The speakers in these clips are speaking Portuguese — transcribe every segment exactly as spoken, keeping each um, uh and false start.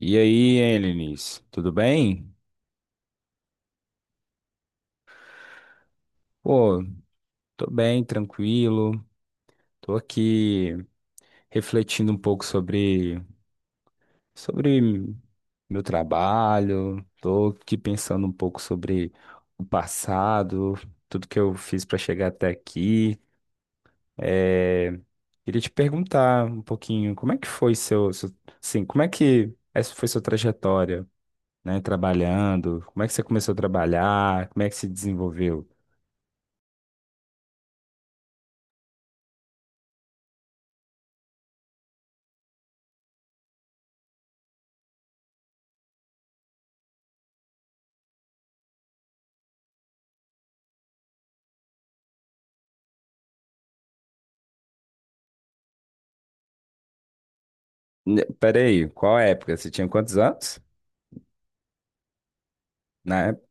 E aí, hein, tudo bem? Pô, tô bem, tranquilo. Tô aqui refletindo um pouco sobre, sobre meu trabalho. Tô aqui pensando um pouco sobre o passado, tudo que eu fiz para chegar até aqui. É, queria te perguntar um pouquinho, como é que foi seu, seu, assim, como é que essa foi sua trajetória, né, trabalhando? Como é que você começou a trabalhar? Como é que se desenvolveu? Ne- Peraí, qual época? Você tinha quantos anos? Na época?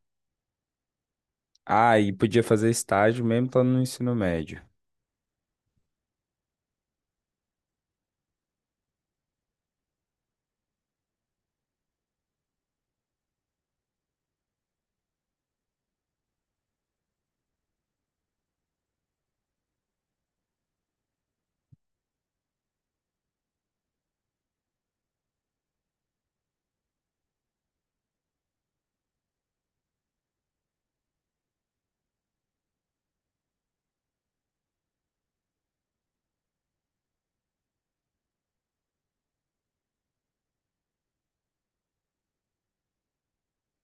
Ah, e podia fazer estágio mesmo estando no ensino médio.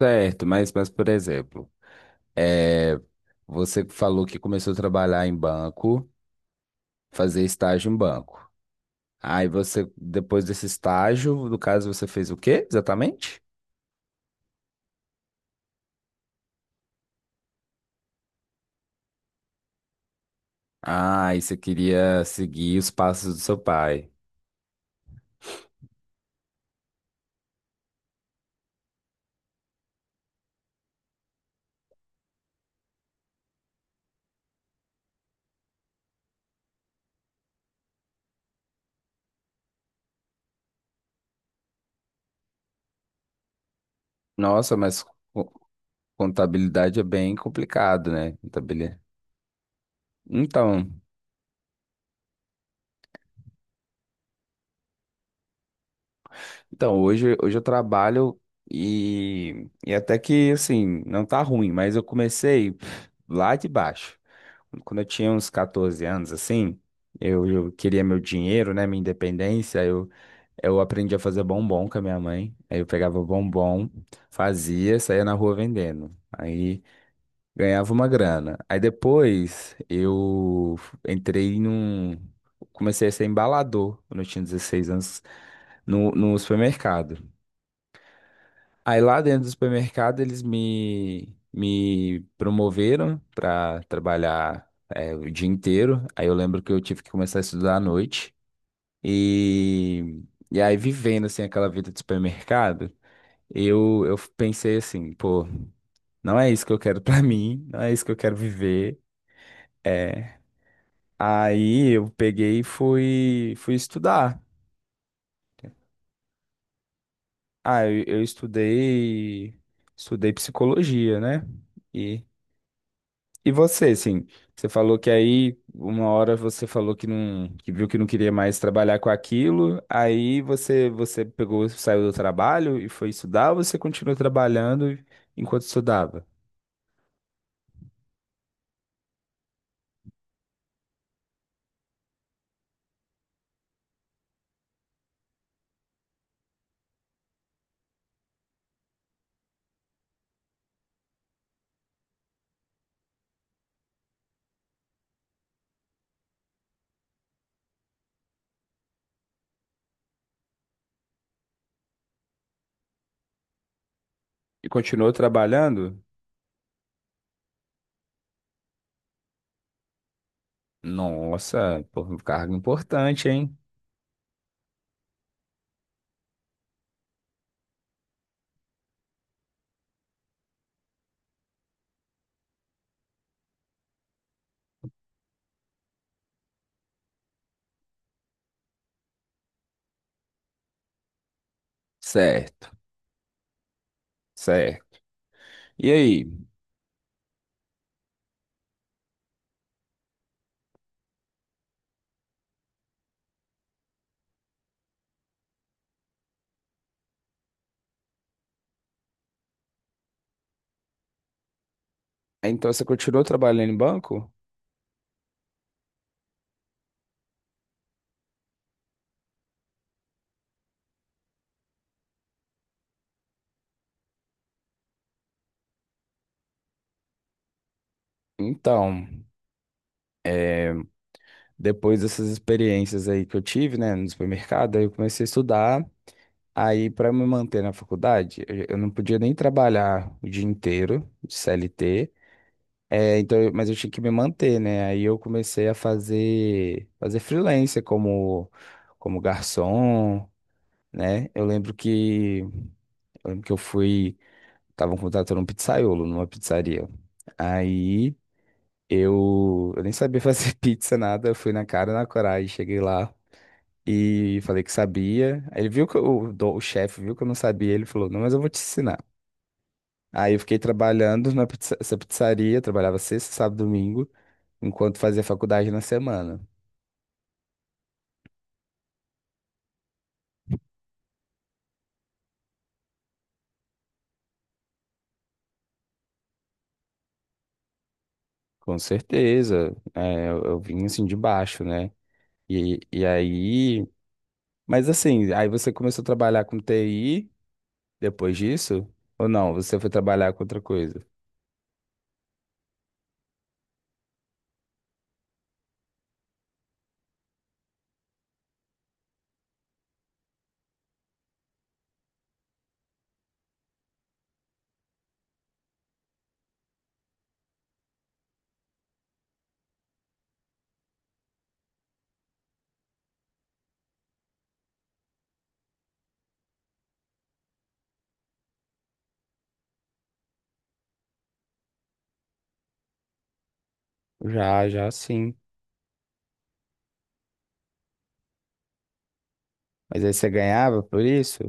Certo, mas, mas por exemplo, é, você falou que começou a trabalhar em banco, fazer estágio em banco. Aí você, depois desse estágio, no caso, você fez o quê exatamente? Ah, e você queria seguir os passos do seu pai. Nossa, mas co- contabilidade é bem complicado, né? Contabilidade. Então. Então, hoje, hoje eu trabalho e, e até que, assim, não tá ruim, mas eu comecei lá de baixo. Quando eu tinha uns quatorze anos, assim, eu, eu queria meu dinheiro, né, minha independência, eu, eu aprendi a fazer bombom com a minha mãe. Aí eu pegava o bombom, fazia, saía na rua vendendo. Aí ganhava uma grana. Aí depois eu entrei num... comecei a ser embalador quando eu tinha dezesseis anos no, no supermercado. Aí lá dentro do supermercado eles me, me promoveram para trabalhar é, o dia inteiro. Aí eu lembro que eu tive que começar a estudar à noite. E, e aí vivendo assim aquela vida de supermercado, eu, eu pensei assim, pô, não é isso que eu quero para mim, não é isso que eu quero viver. É. Aí eu peguei e fui, fui estudar. Ah, eu, eu estudei, estudei psicologia, né? E E você, assim, você falou que aí uma hora você falou que não, que viu que não queria mais trabalhar com aquilo, aí você você pegou, saiu do trabalho e foi estudar, ou você continuou trabalhando enquanto estudava? E continuou trabalhando? Nossa, pô, um cargo importante, hein? Certo, certo. E aí? Então você continuou trabalhando em banco? Então, depois dessas experiências aí que eu tive, né, no supermercado, aí eu comecei a estudar. Aí, para me manter na faculdade, eu eu não podia nem trabalhar o dia inteiro de C L T, é, então, eu- mas eu tinha que me manter, né? Aí eu comecei a fazer, fazer freelancer como, como garçom, né? Eu lembro que, eu lembro que eu fui, estavam contratando um pizzaiolo numa pizzaria. Aí eu, eu nem sabia fazer pizza, nada, eu fui na cara, e na coragem, cheguei lá. E falei que sabia. Aí ele viu que eu- o, do- o chefe viu que eu não sabia. Ele falou: Não, mas eu vou te ensinar. Aí eu fiquei trabalhando na pizza- essa pizzaria, trabalhava sexta, sábado, domingo, enquanto fazia faculdade na semana. Com certeza, é, eu, eu vim assim de baixo, né? E, e aí, mas assim, aí você começou a trabalhar com T I depois disso? Ou não? Você foi trabalhar com outra coisa? Já, já sim. Mas aí você ganhava por isso?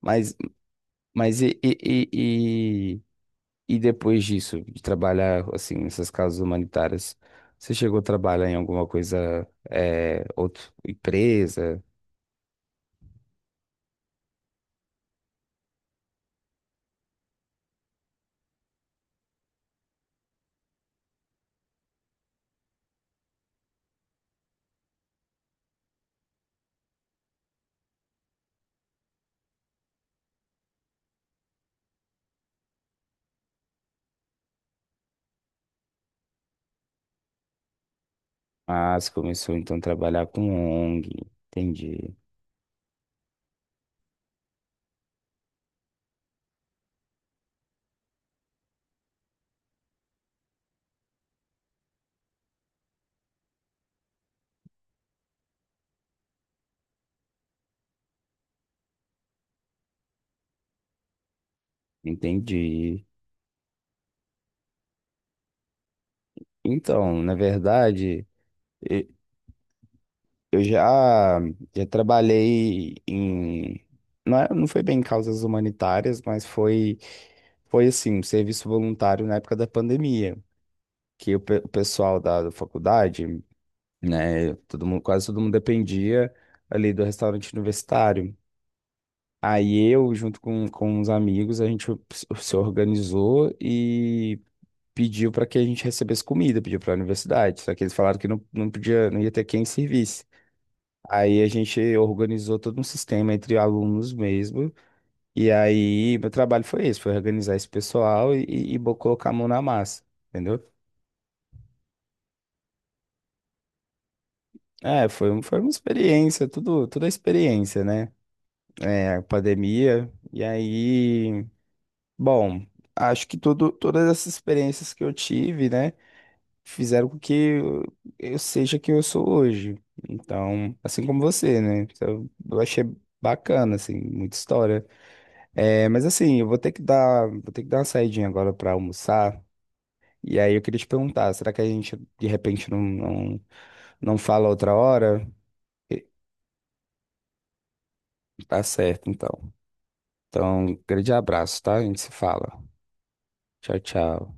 Mas, mas e, e, e, e depois disso, de trabalhar assim nessas causas humanitárias, você chegou a trabalhar em alguma coisa, eh, outra empresa? Ah, você começou então a trabalhar com ONG. Entendi, entendi. Então, na verdade, e- eu já já trabalhei em não, é- não foi bem em causas humanitárias, mas foi foi assim, um serviço voluntário na época da pandemia, que o pe- o pessoal da da faculdade né? Todo mundo, quase todo mundo dependia ali do restaurante universitário. Aí eu, junto com, com uns amigos, a gente se se organizou e pediu para que a gente recebesse comida, pediu para a universidade. Só que eles falaram que não, não podia, não ia ter quem servisse. Aí a gente organizou todo um sistema entre alunos mesmo. E aí meu trabalho foi esse, foi organizar esse pessoal e, e, e bo- colocar a mão na massa, entendeu? É, foi, um- foi uma experiência, tudo, tudo é experiência, né? É, pandemia. E aí, bom, acho que tudo, todas essas experiências que eu tive, né, fizeram com que eu, eu seja quem eu sou hoje. Então, assim como você, né? Então, eu achei bacana, assim, muita história. É, mas assim, eu vou ter que dar, vou ter que dar uma saidinha agora para almoçar. E aí eu queria te perguntar, será que a gente de repente não, não, não fala outra hora? E- Tá certo, então. Então, grande abraço, tá? A gente se fala. Tchau, tchau.